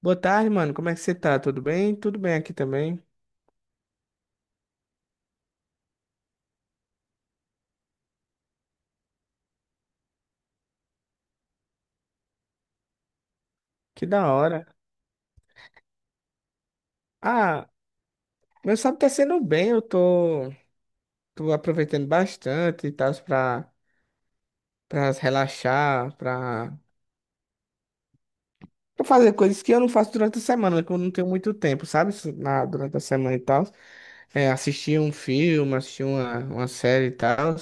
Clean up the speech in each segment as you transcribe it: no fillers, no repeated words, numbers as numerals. Boa tarde, mano. Como é que você tá? Tudo bem? Tudo bem aqui também. Que da hora. Ah, Meu sábado tá sendo bem. Tô aproveitando bastante e tal pra relaxar, pra fazer coisas que eu não faço durante a semana, que eu não tenho muito tempo, sabe? Isso Na, durante a semana e tal. É, assistir um filme, assistir uma série e tal.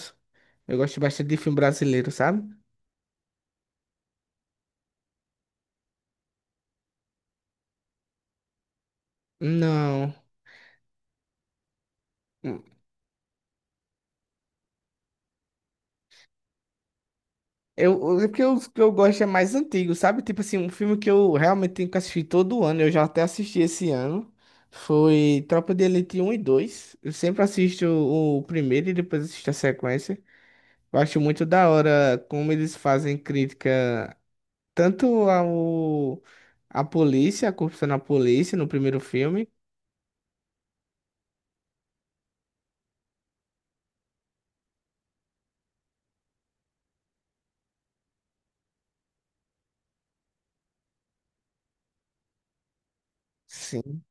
Eu gosto bastante de filme brasileiro, sabe? Não. Eu, Porque os que eu gosto é mais antigo, sabe? Tipo assim, um filme que eu realmente tenho que assistir todo ano, eu já até assisti esse ano, foi Tropa de Elite um e dois. Eu sempre assisto o primeiro e depois assisto a sequência. Eu acho muito da hora como eles fazem crítica tanto à polícia, à corrupção na polícia, no primeiro filme. Sim.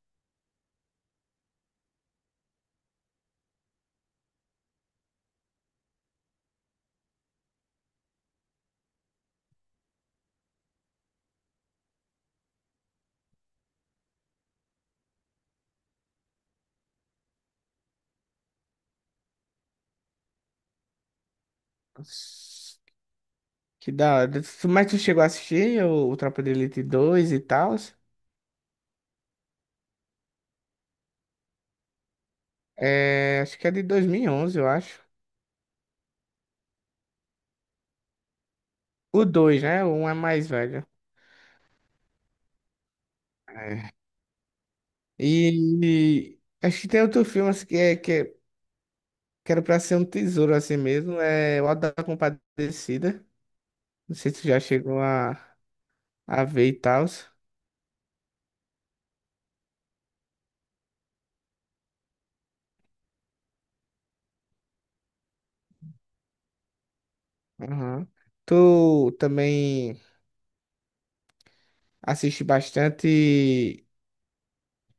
Que da hora. Mas tu chegou a assistir o Tropa de Elite dois e tal? É, acho que é de dois mil e onze, eu acho. O dois, né? O um é mais velho. É. E acho que tem outro filme assim, que era pra ser um tesouro assim mesmo. É O Auto da Compadecida. Não sei se tu já chegou a ver e tal. Aham. Tu também assiste bastante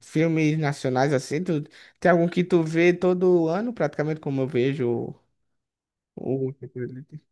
filmes nacionais assim? Tu, tem algum que tu vê todo ano, praticamente, como eu vejo o. o-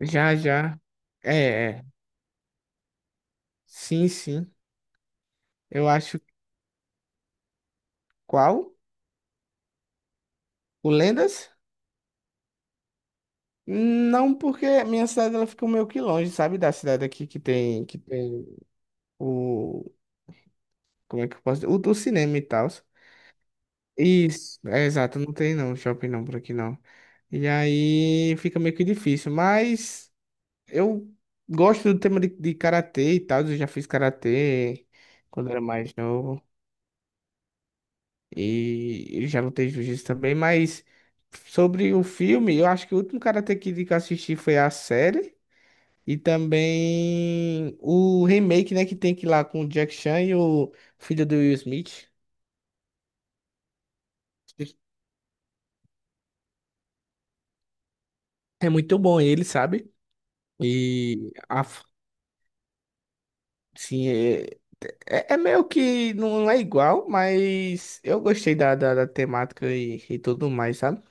Já, já. É, é. Sim, sim. Eu acho. Qual? O Lendas? Não, porque minha cidade ela fica meio que longe, sabe? Da cidade aqui que tem o. Como é que eu posso dizer? O do cinema e tal. Isso, é exato, não tem não, shopping não por aqui não. E aí fica meio que difícil, mas eu gosto do tema de karatê e tal. Eu já fiz karatê quando era mais novo e eu já lutei jiu-jitsu também. Mas sobre o filme, eu acho que o último Karate Kid que eu assisti foi a série. E também o remake, né, que tem que ir lá com o Jack Chan e o filho do Will Smith. É muito bom ele, sabe? E a, f- sim, é, é é meio que não é igual, mas eu gostei da temática e tudo mais, sabe?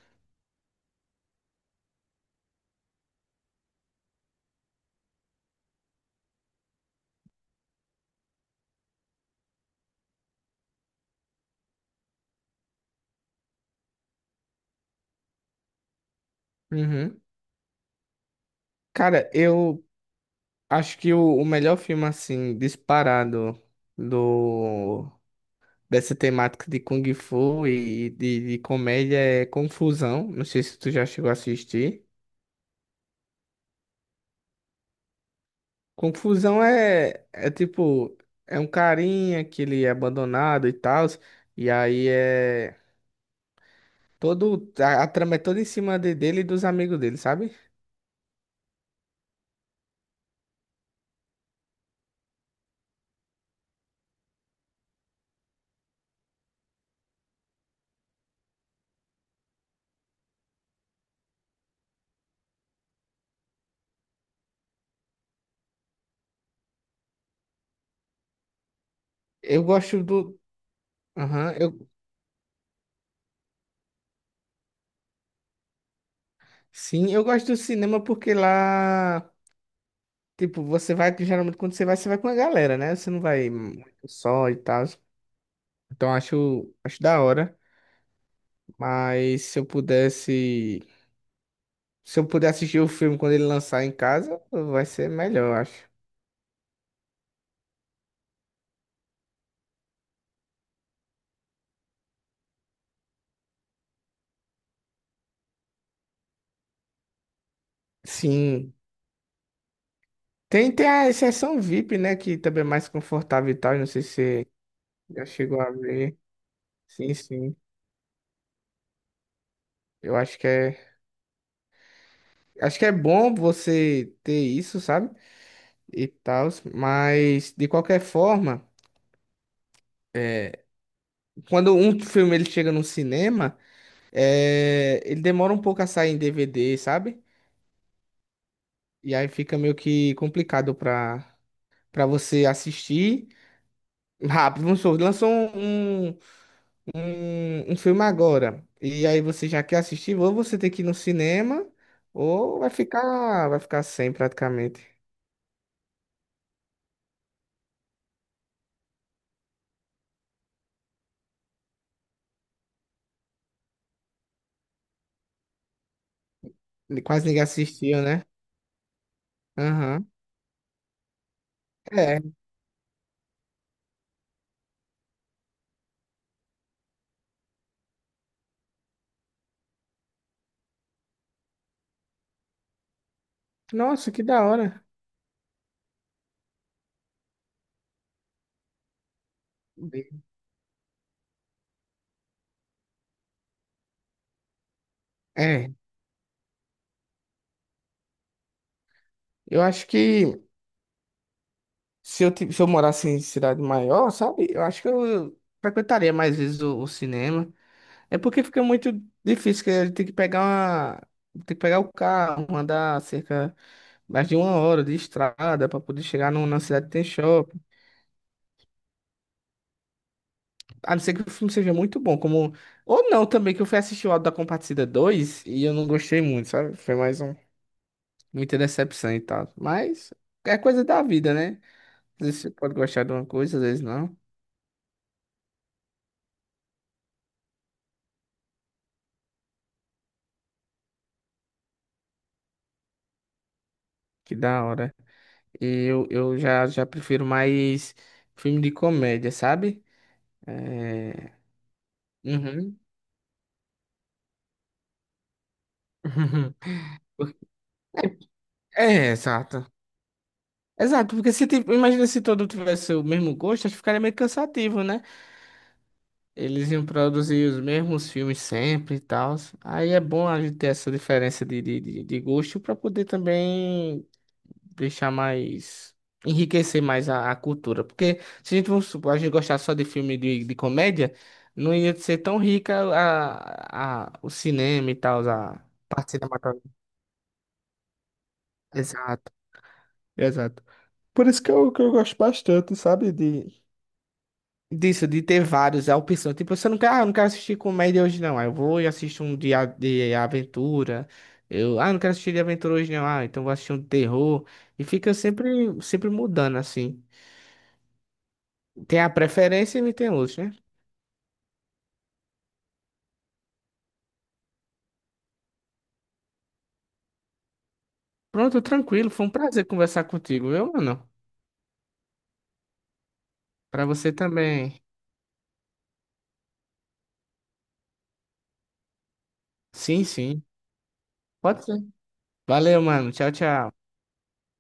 Uhum. Cara, eu acho que o melhor filme, assim, disparado do, dessa temática de Kung Fu e de comédia é Confusão. Não sei se tu já chegou a assistir. Confusão é, é tipo, é um carinha que ele é abandonado e tal, e aí é todo, a trama é toda em cima dele e dos amigos dele, sabe? Eu gosto do, aham, eu, Sim, eu gosto do cinema porque lá, tipo, você vai, geralmente quando você vai com a galera, né? Você não vai muito só e tal, então acho da hora, mas se eu puder assistir o filme quando ele lançar em casa, vai ser melhor, eu acho. Sim. Tem a exceção VIP, né? Que também é mais confortável e tal. Não sei se você já chegou a ver. Sim, sim. Eu acho que é. Acho que é bom você ter isso, sabe? E tal. Mas, de qualquer forma, é, quando um filme ele chega no cinema, é, ele demora um pouco a sair em DVD, sabe? E aí fica meio que complicado pra você assistir rápido. Vamos supor, lançou um, um filme agora. E aí você já quer assistir, ou você tem que ir no cinema, ou vai ficar sem praticamente. Quase ninguém assistiu, né? Aham. É. Nossa, que da hora. É. Eu acho que se eu morasse em cidade maior, sabe? Eu acho que eu frequentaria mais vezes o cinema. É porque fica muito difícil, que a gente tem que pegar uma. Tem que pegar o carro, andar cerca mais de uma hora de estrada para poder chegar no, na cidade que tem shopping. A não ser que o filme seja muito bom, como. Ou não também, que eu fui assistir o Auto da Compadecida 2 e eu não gostei muito, sabe? Foi mais um. Muita decepção e tal. Mas é coisa da vida, né? Às vezes você pode gostar de uma coisa, às vezes não. Que da hora. E já prefiro mais filme de comédia, sabe? É. Uhum. É, exato. Exato, porque se, tipo, imagina se todo tivesse o mesmo gosto, acho que ficaria meio cansativo, né? Eles iam produzir os mesmos filmes sempre e tal. Aí é bom a gente ter essa diferença de gosto para poder também deixar mais. Enriquecer mais a cultura. Porque se a gente, vamos supor, a gente gostar só de filme de comédia, não ia ser tão rica o cinema e tal, a parte cinematográfica. Exato, exato. Por isso que eu gosto bastante, sabe? De, disso, de ter vários, é a opção. Tipo, você não quer, ah, eu não quero assistir comédia hoje, não. Aí eu vou e assisto um de aventura. Eu, ah, não quero assistir de aventura hoje, não. Ah, então vou assistir um de terror. E fica sempre, sempre mudando, assim. Tem a preferência e tem outros, né? Pronto, tranquilo. Foi um prazer conversar contigo, viu, mano? Pra você também. Sim, sim. Pode ser. Valeu, mano. Tchau, tchau.